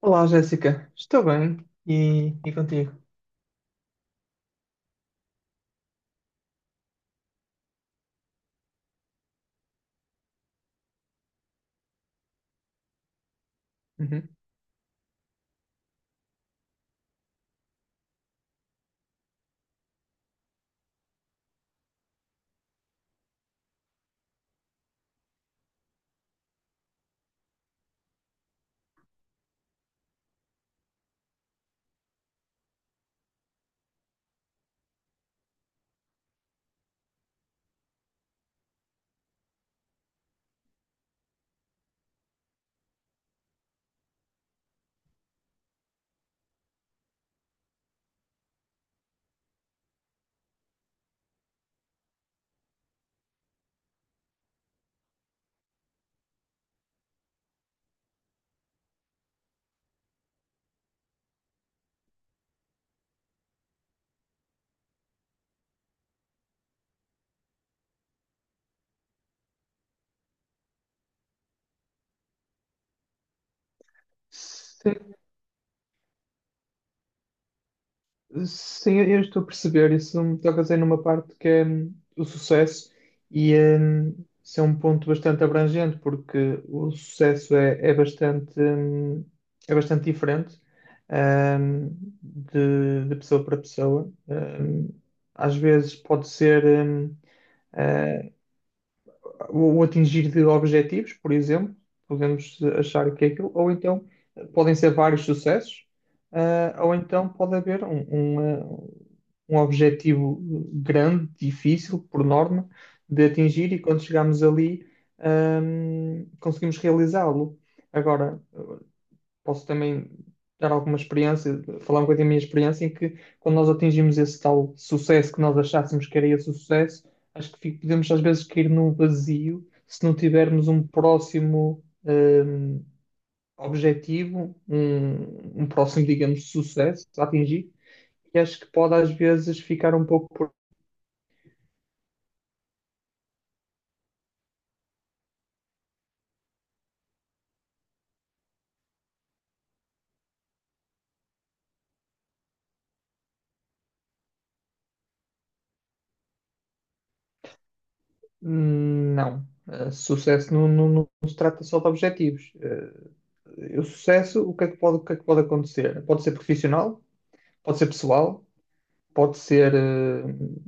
Olá, Jéssica. Estou bem. E contigo? Uhum. Sim, sim, eu estou a perceber. Isso me toca dizer numa parte que é o sucesso e isso é um ponto bastante abrangente, porque o sucesso é bastante, é bastante diferente hum, de pessoa para pessoa. Às vezes pode ser eh, o, atingir de objetivos, por exemplo, podemos achar que é aquilo, ou então podem ser vários sucessos, ah, ou então pode haver um um objetivo grande, difícil, por norma, de atingir e quando chegamos ali, conseguimos realizá-lo. Agora, posso também dar alguma experiência, falar um bocadinho da minha experiência, em que quando nós atingimos esse tal sucesso que nós achássemos que era esse o sucesso, acho que podemos às vezes cair num vazio se não tivermos um próximo objetivo, um próximo, digamos, sucesso a atingir, e acho que pode às vezes ficar um pouco por. Não. Sucesso não, não se trata só de objetivos. Eh, o sucesso, o que é que pode, o que é que pode acontecer? Pode ser profissional, pode ser pessoal, pode ser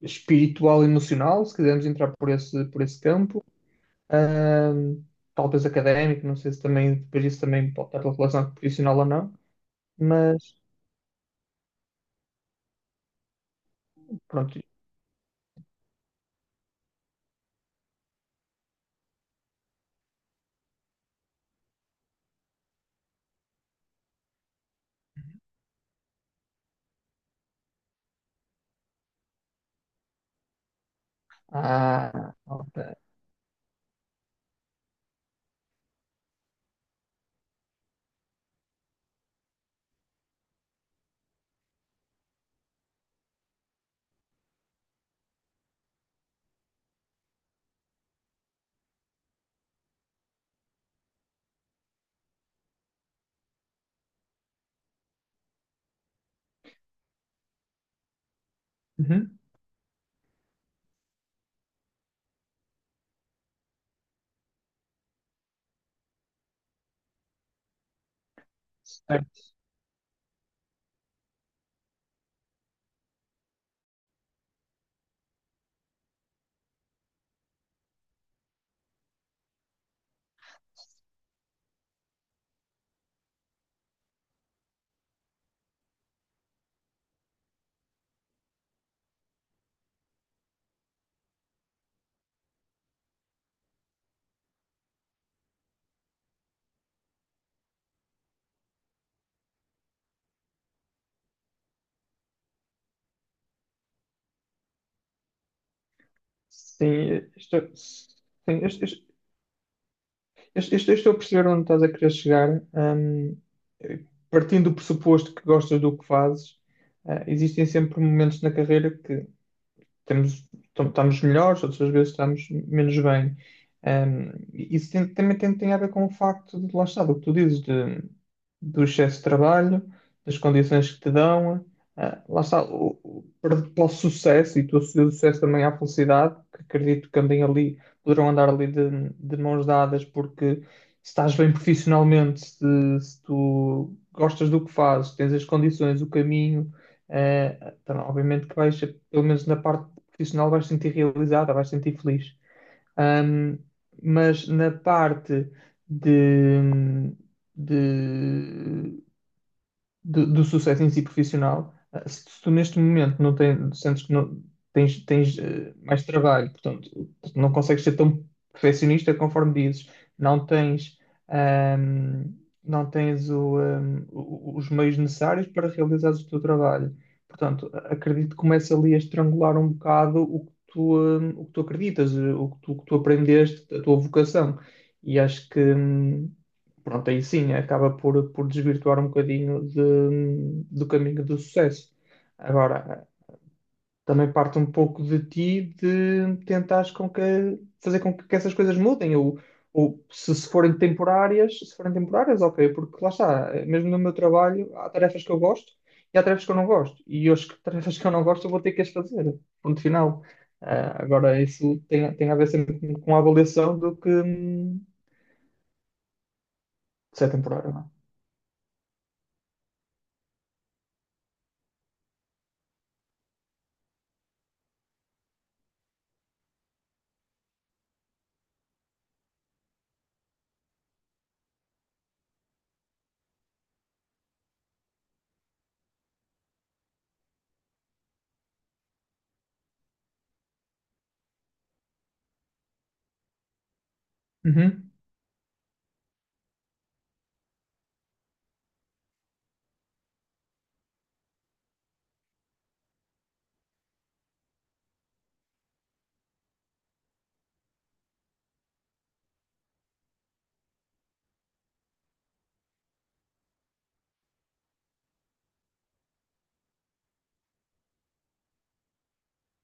espiritual e emocional, se quisermos entrar por esse campo. Uh, Talvez académico, não sei se também depois isso também pode estar relacionado com profissional ou não, mas pronto. Ah, ok. Uhum. Certo. Sim, estou, sim, eu- eu- eu- eu estou a perceber onde estás a querer chegar. Partindo do pressuposto que gostas do que fazes, eh, existem sempre momentos na carreira que temos, estamos melhores, outras vezes estamos menos bem. Um, isso também tem a ver com o facto de, lá está, do que tu dizes, do excesso de trabalho, das condições que te dão, ah, lá está, para o sucesso, e tu associas o sucesso também à felicidade, que acredito que andem ali, poderão andar ali de mãos dadas, porque se estás bem profissionalmente, se tu gostas do que fazes, tens as condições, o caminho, eh, então, obviamente que vais, pelo menos na parte profissional vais sentir realizada, vais sentir feliz. Ahm, mas na parte de, de do, do sucesso em si profissional, eh, se tu neste momento não tens, sentes que não tens mais trabalho, portanto, não consegues ser tão perfeccionista conforme dizes, não tens, ahm, não tens os meios necessários para realizares o teu trabalho. Portanto, acredito que começa ali a estrangular um bocado o que tu acreditas, eh, o que tu aprendeste, a tua vocação. E acho que, pronto, aí sim acaba por desvirtuar um bocadinho do caminho do sucesso. Agora, também parte um pouco de ti de tentares com que, fazer com que essas coisas mudem, ou se, se forem temporárias, ok, porque lá está, mesmo no meu trabalho, há tarefas que eu gosto e há tarefas que eu não gosto, e as tarefas que eu não gosto eu vou ter que as fazer, ponto final. Ah, agora, isso tem a ver sempre com a avaliação do que se é temporário, não é? Uhum,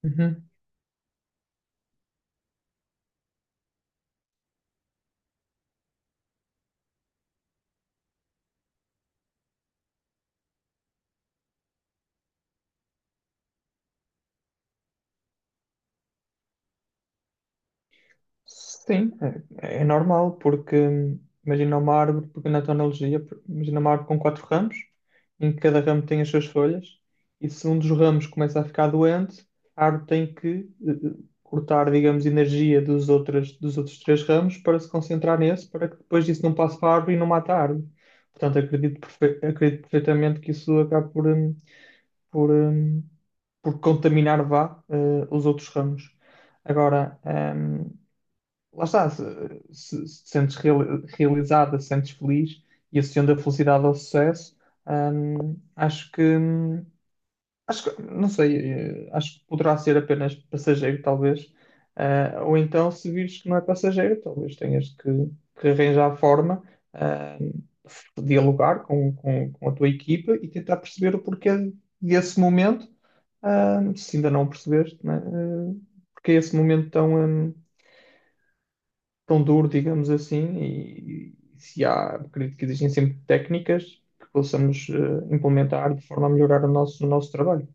uhum. Sim, é normal, porque imagina uma árvore, porque na tua analogia, imagina uma árvore com quatro ramos, em que cada ramo tem as suas folhas, e se um dos ramos começa a ficar doente, a árvore tem que eh, eh, cortar, digamos, energia dos outros três ramos para se concentrar nesse, para que depois disso não passe para a árvore e não mate a árvore. Portanto, acredito, acredito perfeitamente que isso acaba por, por, hum, por contaminar, vá, eh, os outros ramos. Agora, lá está, se, se te sentes realizada, se sentes feliz e associando a felicidade ao sucesso, hum, acho que, hum, acho que, não sei, eh, acho que poderá ser apenas passageiro, talvez. Ah, ou então, se vires que não é passageiro, talvez tenhas que arranjar a forma, ah, de dialogar com a tua equipa e tentar perceber o porquê desse momento, ah, se ainda não o percebeste, né? Ah, porque é esse momento tão, tão duro, digamos assim, e, se há, acredito que existem sempre técnicas que possamos implementar de forma a melhorar o nosso trabalho.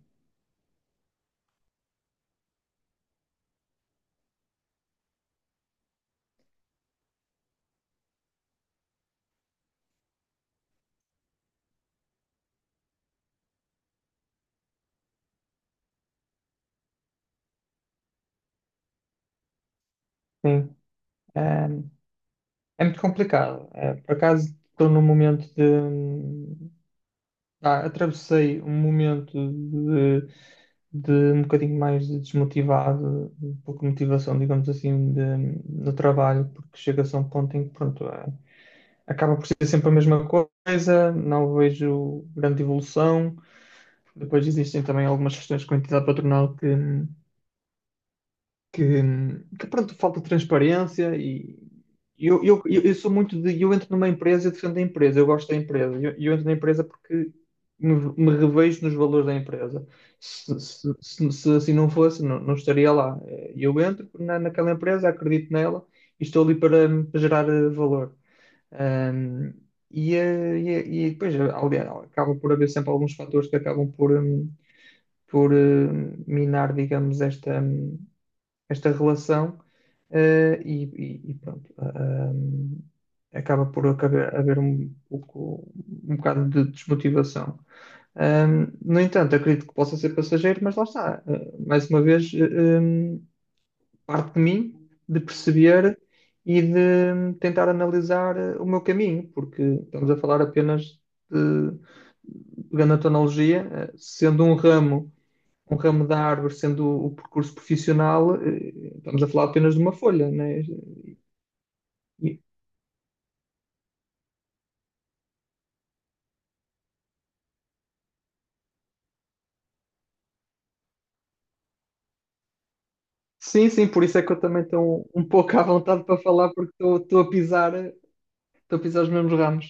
Sim, eh, é muito complicado. Eh, por acaso estou num momento de, ah, atravessei um momento de um bocadinho mais de desmotivado, um pouco motivação, digamos assim, de, no trabalho, porque chega-se a um ponto em que, pronto, ah, acaba por ser sempre a mesma coisa, não vejo grande evolução. Depois existem também algumas questões com a entidade patronal que que, pronto, falta transparência e eu sou muito de, eu entro numa empresa e defendo a empresa, eu gosto da empresa, eu entro na empresa porque me revejo nos valores da empresa. Se, se assim não fosse, não estaria lá. Eh, eu entro na, naquela empresa, acredito nela e estou ali para, para gerar eh, valor. Ahm, e depois eh, acaba por haver sempre alguns fatores que acabam por, minar, digamos, esta, esta relação e pronto. Acaba por acabar, haver um pouco, um bocado de desmotivação. No entanto, acredito que possa ser passageiro, mas lá está. Eh, mais uma vez, parte de mim de perceber e de tentar analisar eh, o meu caminho, porque estamos a falar apenas de, pegando a tecnologia, eh, sendo um ramo da árvore sendo o percurso profissional, eh, estamos a falar apenas de uma folha, né? E- Sim, sim, por isso é que eu também estou um pouco à vontade para falar, porque estou a pisar, eh, estou a pisar os mesmos ramos.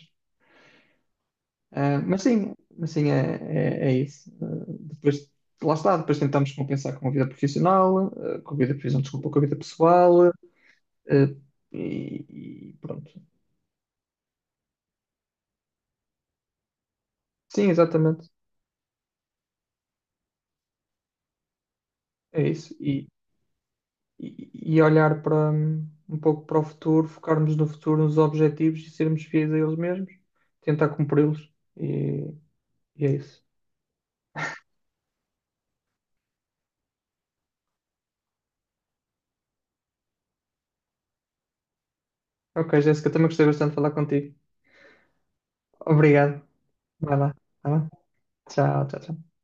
Ah, mas sim, é isso. Ah, depois, lá está, depois tentamos compensar com a vida profissional, ah, com a vida, profissional, desculpa, com a vida pessoal, ah, e pronto. Sim, exatamente, é isso. E, e olhar para um pouco para o futuro, focarmos no futuro, nos objetivos e sermos fiéis a eles mesmos, tentar cumpri-los e, e é isso. Ok, Jéssica, também gostei bastante de falar contigo. Obrigado. Vai lá. Tá bem? Tchau, tchau, tchau.